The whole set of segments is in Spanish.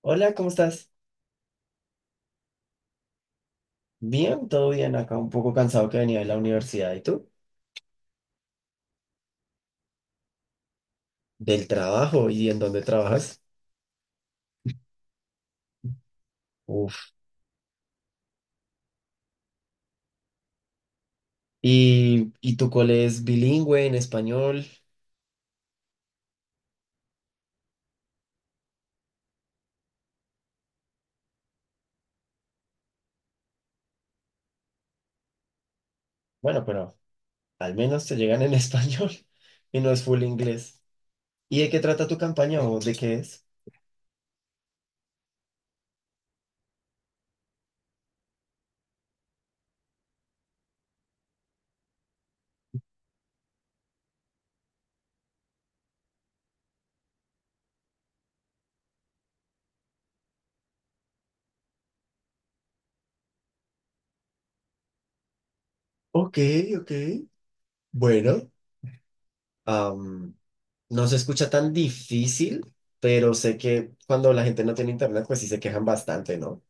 Hola, ¿cómo estás? Bien, todo bien acá, un poco cansado que venía de la universidad. ¿Y tú? Del trabajo y en dónde trabajas. Uf. Y tu cole es bilingüe en español? Bueno, pero al menos te llegan en español y no es full inglés. ¿Y de qué trata tu campaña o de qué es? Ok, ok. Bueno, am, no se escucha tan difícil, pero sé que cuando la gente no tiene internet, pues sí se quejan bastante, ¿no?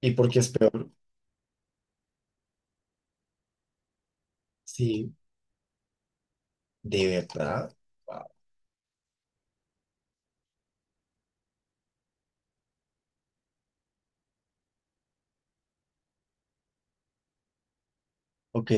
¿Y por qué es peor? Sí. ¿De verdad? Wow. Ok.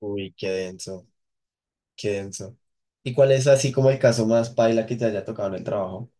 Uy, qué denso, qué denso. ¿Y cuál es así como el caso más paila que te haya tocado en el trabajo?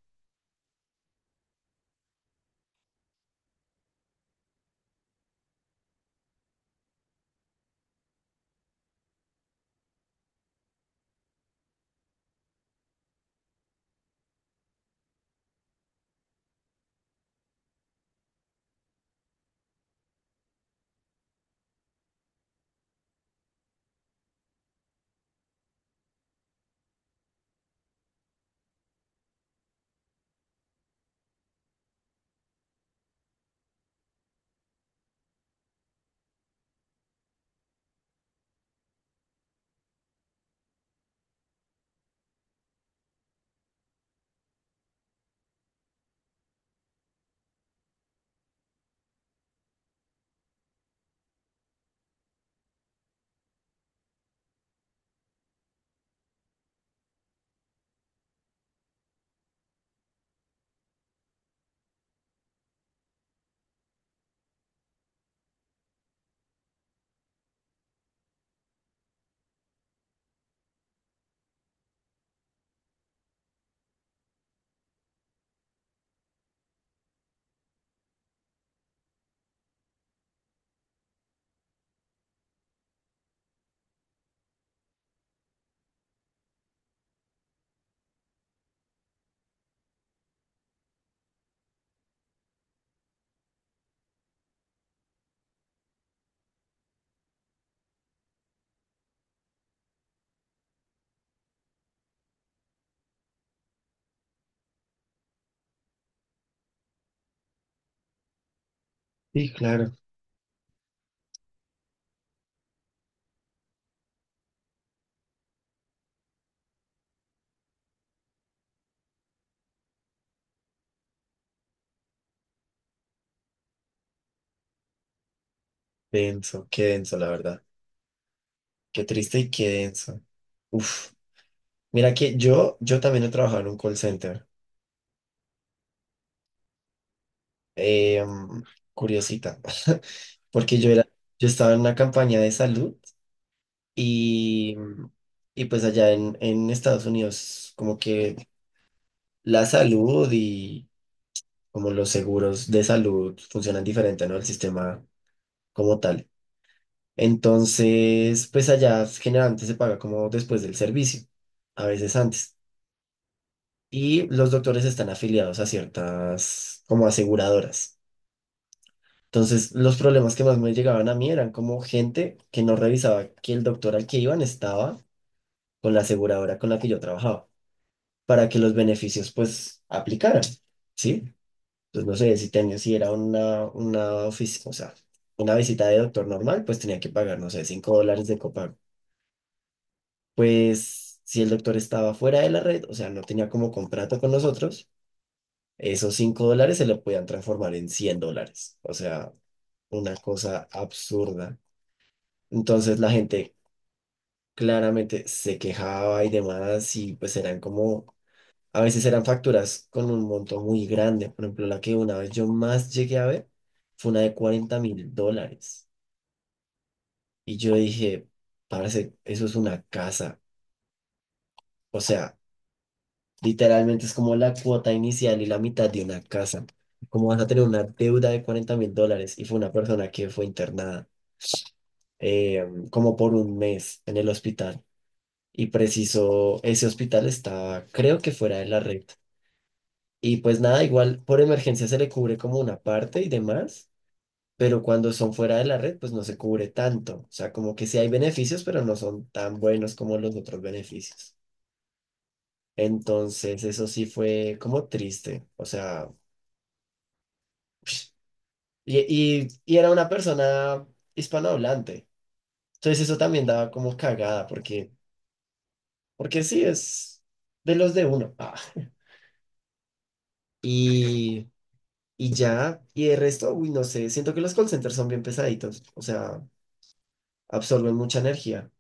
Sí, claro. Denso, qué denso, la verdad. Qué triste y qué denso. Uf. Mira que yo también he trabajado en un call center. Eh, mm, curiosita. Porque yo estaba en una campaña de salud y, y pues allá en Estados Unidos, como que la salud y como los seguros de salud funcionan diferente, ¿no? El sistema como tal. Entonces, pues allá generalmente se paga como después del servicio, a veces antes. Y los doctores están afiliados a ciertas como aseguradoras. Entonces, los problemas que más me llegaban a mí eran como gente que no revisaba que el doctor al que iban estaba con la aseguradora con la que yo trabajaba, para que los beneficios pues aplicaran, ¿sí? Entonces, no sé, si tenía, si era o sea, una visita de doctor normal, pues tenía que pagar, no sé, $5 de copago. Pues si el doctor estaba fuera de la red, o sea, no tenía como contrato con nosotros, esos $5 se le podían transformar en $100. O sea, una cosa absurda. Entonces la gente claramente se quejaba y demás y pues eran como, a veces eran facturas con un monto muy grande. Por ejemplo, la que una vez yo más llegué a ver fue una de $40,000. Y yo dije, parce, eso es una casa. O sea, literalmente es como la cuota inicial y la mitad de una casa. ¿Cómo vas a tener una deuda de $40,000? Y fue una persona que fue internada como por un mes en el hospital. Y preciso, ese hospital estaba, creo que fuera de la red. Y pues nada, igual por emergencia se le cubre como una parte y demás, pero cuando son fuera de la red, pues no se cubre tanto. O sea, como que sí hay beneficios, pero no son tan buenos como los otros beneficios. Entonces, eso sí fue como triste. O sea, y, y era una persona hispanohablante. Entonces, eso también daba como cagada, porque, porque sí, es de los de uno. Ah. Y, y ya, y el resto, uy, no sé, siento que los call centers son bien pesaditos. O sea, absorben mucha energía.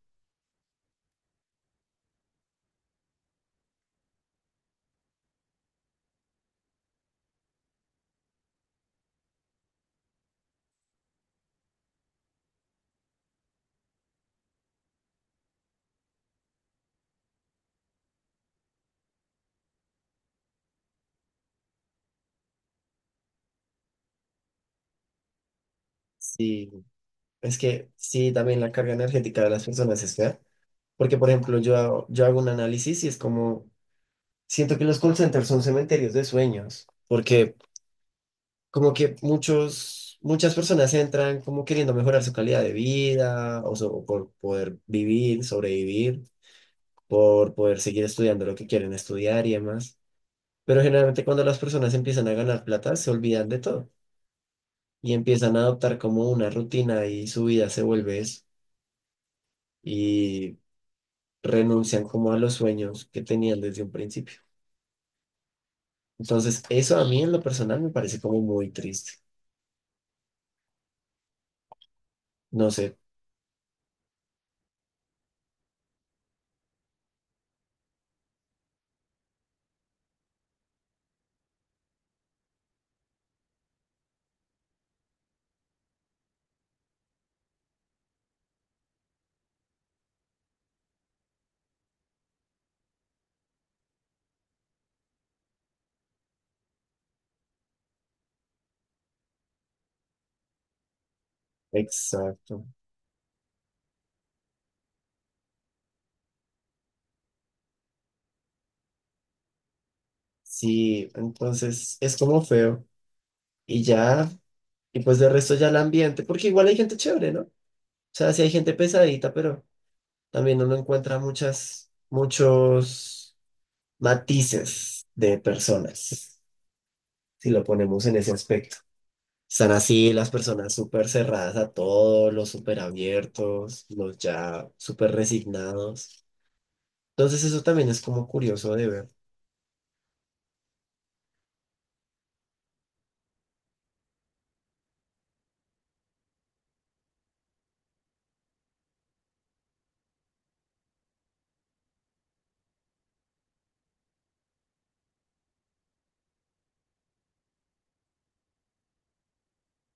Sí, es que sí, también la carga energética de las personas es fea. Porque, por ejemplo, yo hago un análisis y es como, siento que los call centers son cementerios de sueños. Porque como que muchos, muchas personas entran como queriendo mejorar su calidad de vida o, so- por poder vivir, sobrevivir, por poder seguir estudiando lo que quieren estudiar y demás. Pero generalmente cuando las personas empiezan a ganar plata, se olvidan de todo y empiezan a adoptar como una rutina y su vida se vuelve eso y renuncian como a los sueños que tenían desde un principio. Entonces, eso a mí en lo personal me parece como muy triste. No sé, exacto. Sí, entonces es como feo. Y ya, y pues de resto ya el ambiente, porque igual hay gente chévere, ¿no? O sea, sí hay gente pesadita, pero también uno encuentra muchas, muchos matices de personas, si lo ponemos en ese aspecto. Están así las personas súper cerradas a todo, los súper abiertos, los ya súper resignados. Entonces eso también es como curioso de ver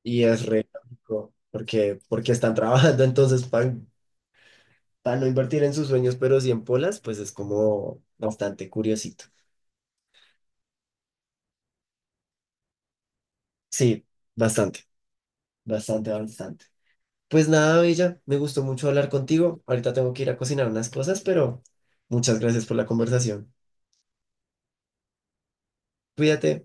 y es re lógico, porque, porque están trabajando entonces para no invertir en sus sueños, pero sí en polas, pues es como bastante curiosito. Sí, bastante, bastante, bastante. Pues nada, Bella, me gustó mucho hablar contigo. Ahorita tengo que ir a cocinar unas cosas, pero muchas gracias por la conversación. Cuídate.